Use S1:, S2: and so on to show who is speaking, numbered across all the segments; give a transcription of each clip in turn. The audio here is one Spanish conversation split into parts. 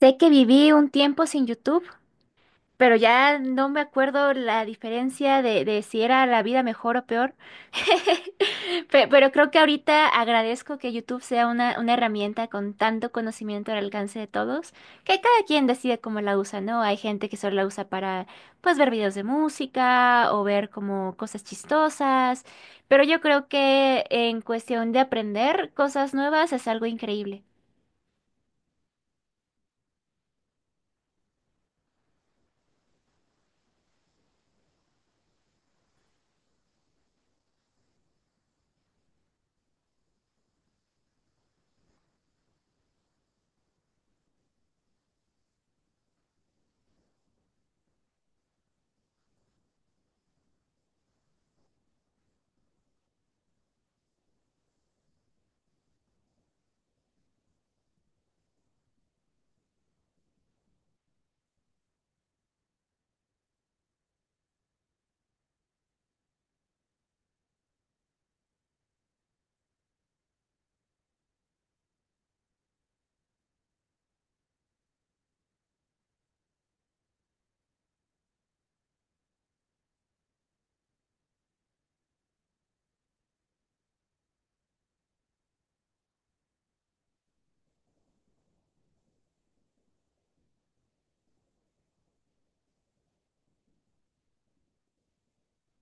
S1: Sé que viví un tiempo sin YouTube, pero ya no me acuerdo la diferencia de si era la vida mejor o peor. Pero creo que ahorita agradezco que YouTube sea una herramienta con tanto conocimiento al alcance de todos, que cada quien decide cómo la usa, ¿no? Hay gente que solo la usa para, pues, ver videos de música o ver como cosas chistosas, pero yo creo que en cuestión de aprender cosas nuevas es algo increíble.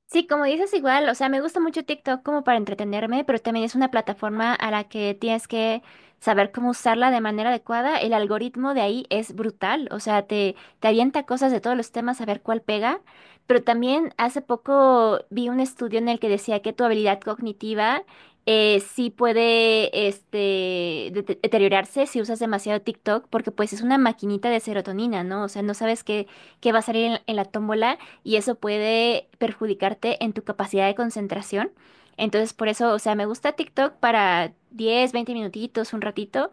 S1: Sí, como dices igual, o sea, me gusta mucho TikTok como para entretenerme, pero también es una plataforma a la que tienes que saber cómo usarla de manera adecuada. El algoritmo de ahí es brutal, o sea, te avienta cosas de todos los temas a ver cuál pega, pero también hace poco vi un estudio en el que decía que tu habilidad cognitiva sí puede este, deteriorarse si usas demasiado TikTok, porque pues es una maquinita de serotonina, ¿no? O sea, no sabes qué, qué va a salir en la tómbola y eso puede perjudicarte en tu capacidad de concentración. Entonces, por eso, o sea, me gusta TikTok para 10 20 minutitos, un ratito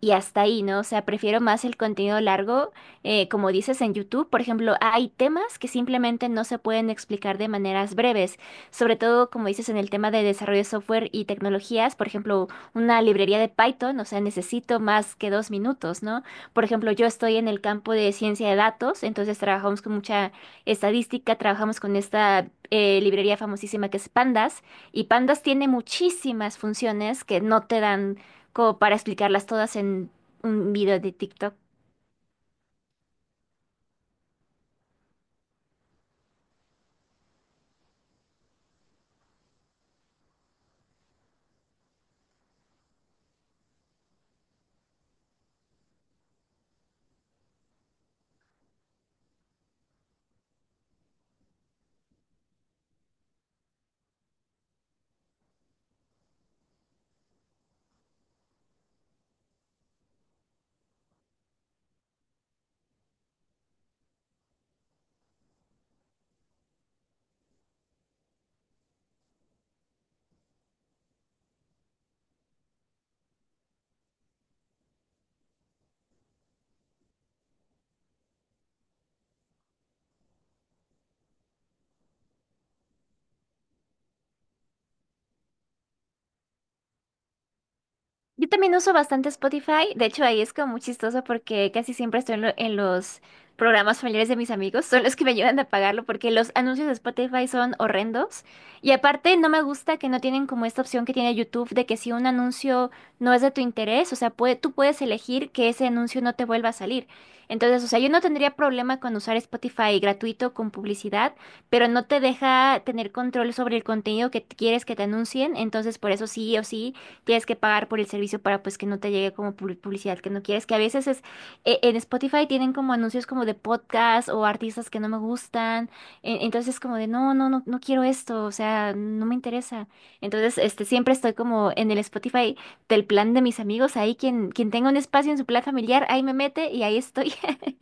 S1: y hasta ahí, ¿no? O sea, prefiero más el contenido largo, como dices en YouTube, por ejemplo, hay temas que simplemente no se pueden explicar de maneras breves, sobre todo, como dices, en el tema de desarrollo de software y tecnologías, por ejemplo, una librería de Python, o sea, necesito más que dos minutos, ¿no? Por ejemplo, yo estoy en el campo de ciencia de datos, entonces trabajamos con mucha estadística, trabajamos con esta librería famosísima que es Pandas, y Pandas tiene muchísimas funciones que no te dan como para explicarlas todas en un video de TikTok. Yo también uso bastante Spotify, de hecho ahí es como muy chistoso porque casi siempre estoy en, en los programas familiares de mis amigos, son los que me ayudan a pagarlo porque los anuncios de Spotify son horrendos y aparte no me gusta que no tienen como esta opción que tiene YouTube de que si un anuncio no es de tu interés, o sea, tú puedes elegir que ese anuncio no te vuelva a salir. Entonces, o sea, yo no tendría problema con usar Spotify gratuito con publicidad, pero no te deja tener control sobre el contenido que quieres que te anuncien, entonces por eso sí o sí tienes que pagar por el servicio para pues que no te llegue como publicidad que no quieres, que a veces es en Spotify tienen como anuncios como de podcast o artistas que no me gustan, entonces es como de no, no, no, no quiero esto, o sea, no me interesa. Entonces, este, siempre estoy como en el Spotify del plan de mis amigos, ahí quien, quien tenga un espacio en su plan familiar, ahí me mete y ahí estoy.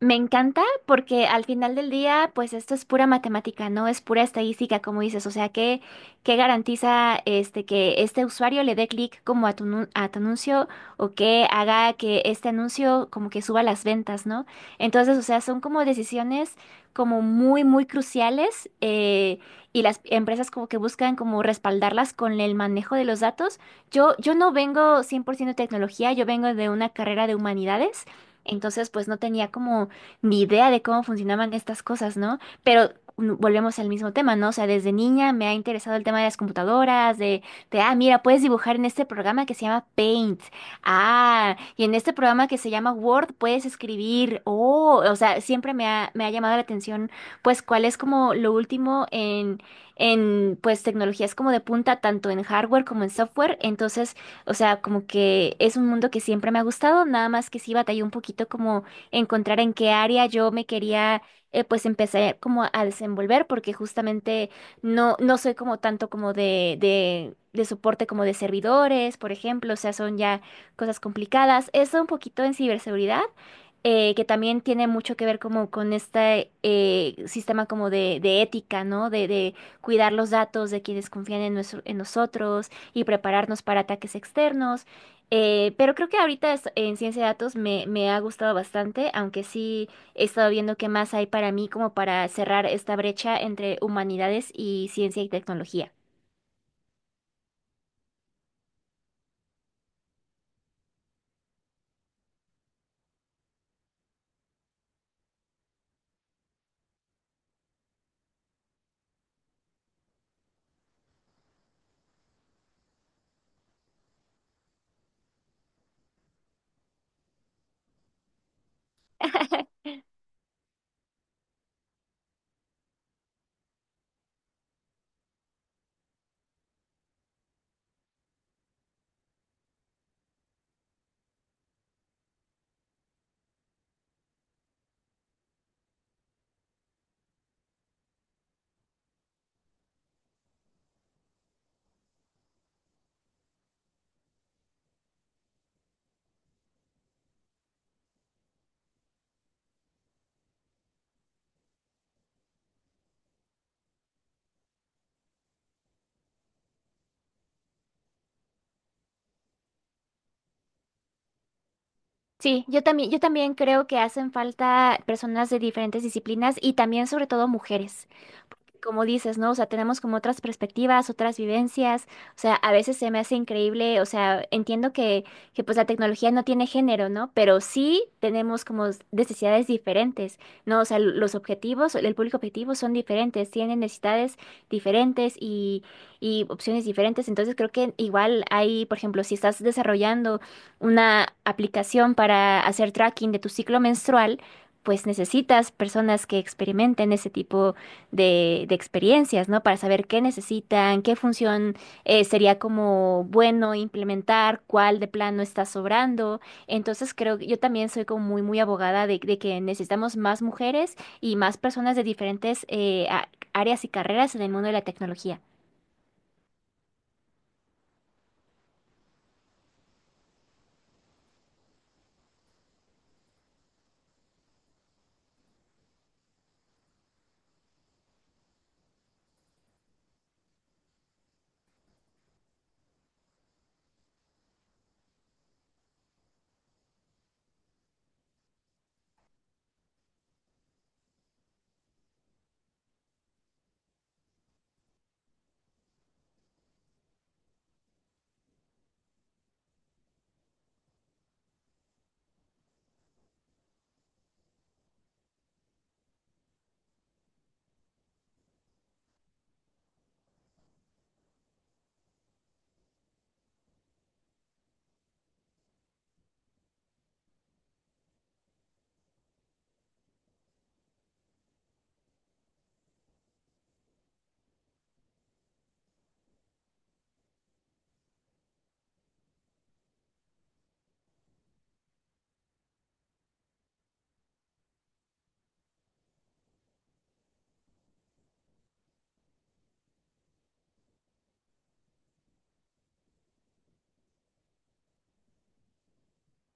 S1: Me encanta porque al final del día, pues esto es pura matemática, no es pura estadística, como dices. O sea, qué qué garantiza este que este usuario le dé clic como a tu, a tu anuncio o que haga que este anuncio como que suba las ventas, ¿no? Entonces, o sea, son como decisiones como muy, muy cruciales y las empresas como que buscan como respaldarlas con el manejo de los datos. Yo no vengo 100% de tecnología, yo vengo de una carrera de humanidades. Entonces, pues no tenía como ni idea de cómo funcionaban estas cosas, ¿no? Pero volvemos al mismo tema, ¿no? O sea, desde niña me ha interesado el tema de las computadoras, de, ah, mira, puedes dibujar en este programa que se llama Paint. Ah, y en este programa que se llama Word puedes escribir. Oh, o sea, siempre me ha llamado la atención, pues, cuál es como lo último en, pues, tecnologías como de punta, tanto en hardware como en software. Entonces, o sea, como que es un mundo que siempre me ha gustado, nada más que sí batallé un poquito como encontrar en qué área yo me quería pues empezar como a desenvolver porque justamente no, no soy como tanto como de soporte como de servidores, por ejemplo, o sea, son ya cosas complicadas. Eso un poquito en ciberseguridad que también tiene mucho que ver como con este sistema como de ética, ¿no? De cuidar los datos de quienes confían en, en nosotros y prepararnos para ataques externos. Pero creo que ahorita en ciencia de datos me, me ha gustado bastante, aunque sí he estado viendo qué más hay para mí como para cerrar esta brecha entre humanidades y ciencia y tecnología. Sí, yo también creo que hacen falta personas de diferentes disciplinas y también sobre todo mujeres. Como dices, ¿no? O sea, tenemos como otras perspectivas, otras vivencias. O sea, a veces se me hace increíble, o sea, entiendo que pues la tecnología no tiene género, ¿no? Pero sí tenemos como necesidades diferentes, ¿no? O sea, los objetivos, el público objetivo son diferentes, tienen necesidades diferentes y opciones diferentes. Entonces creo que igual hay, por ejemplo, si estás desarrollando una aplicación para hacer tracking de tu ciclo menstrual, pues necesitas personas que experimenten ese tipo de experiencias, ¿no? Para saber qué necesitan, qué función sería como bueno implementar, cuál de plano está sobrando. Entonces creo que yo también soy como muy, muy abogada de que necesitamos más mujeres y más personas de diferentes áreas y carreras en el mundo de la tecnología.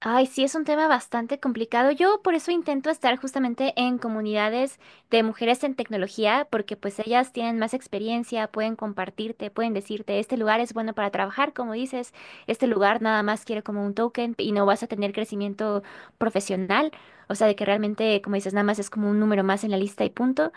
S1: Ay, sí, es un tema bastante complicado. Yo por eso intento estar justamente en comunidades de mujeres en tecnología, porque pues ellas tienen más experiencia, pueden compartirte, pueden decirte, este lugar es bueno para trabajar, como dices, este lugar nada más quiere como un token y no vas a tener crecimiento profesional, o sea, de que realmente, como dices, nada más es como un número más en la lista y punto.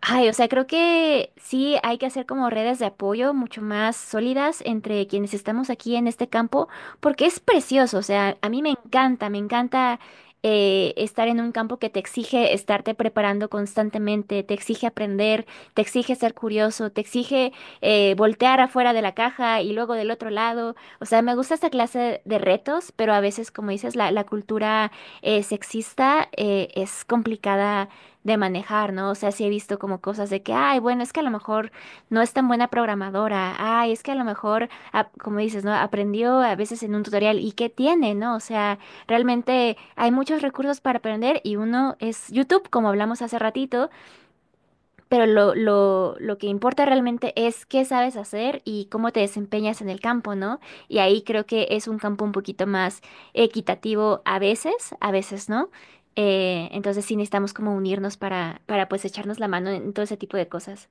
S1: Ay, o sea, creo que sí hay que hacer como redes de apoyo mucho más sólidas entre quienes estamos aquí en este campo, porque es precioso, o sea, a mí me encanta estar en un campo que te exige estarte preparando constantemente, te exige aprender, te exige ser curioso, te exige voltear afuera de la caja y luego del otro lado, o sea, me gusta esta clase de retos, pero a veces, como dices, la cultura sexista es complicada de manejar, ¿no? O sea, sí he visto como cosas de que, ay, bueno, es que a lo mejor no es tan buena programadora, ay, es que a lo mejor, ah, como dices, ¿no? Aprendió a veces en un tutorial y qué tiene, ¿no? O sea, realmente hay muchos recursos para aprender y uno es YouTube, como hablamos hace ratito, pero lo que importa realmente es qué sabes hacer y cómo te desempeñas en el campo, ¿no? Y ahí creo que es un campo un poquito más equitativo a veces no. Entonces sí necesitamos como unirnos para pues echarnos la mano en todo ese tipo de cosas.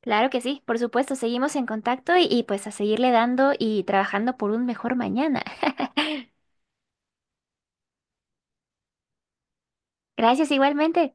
S1: Claro que sí, por supuesto, seguimos en contacto y pues a seguirle dando y trabajando por un mejor mañana. Gracias igualmente.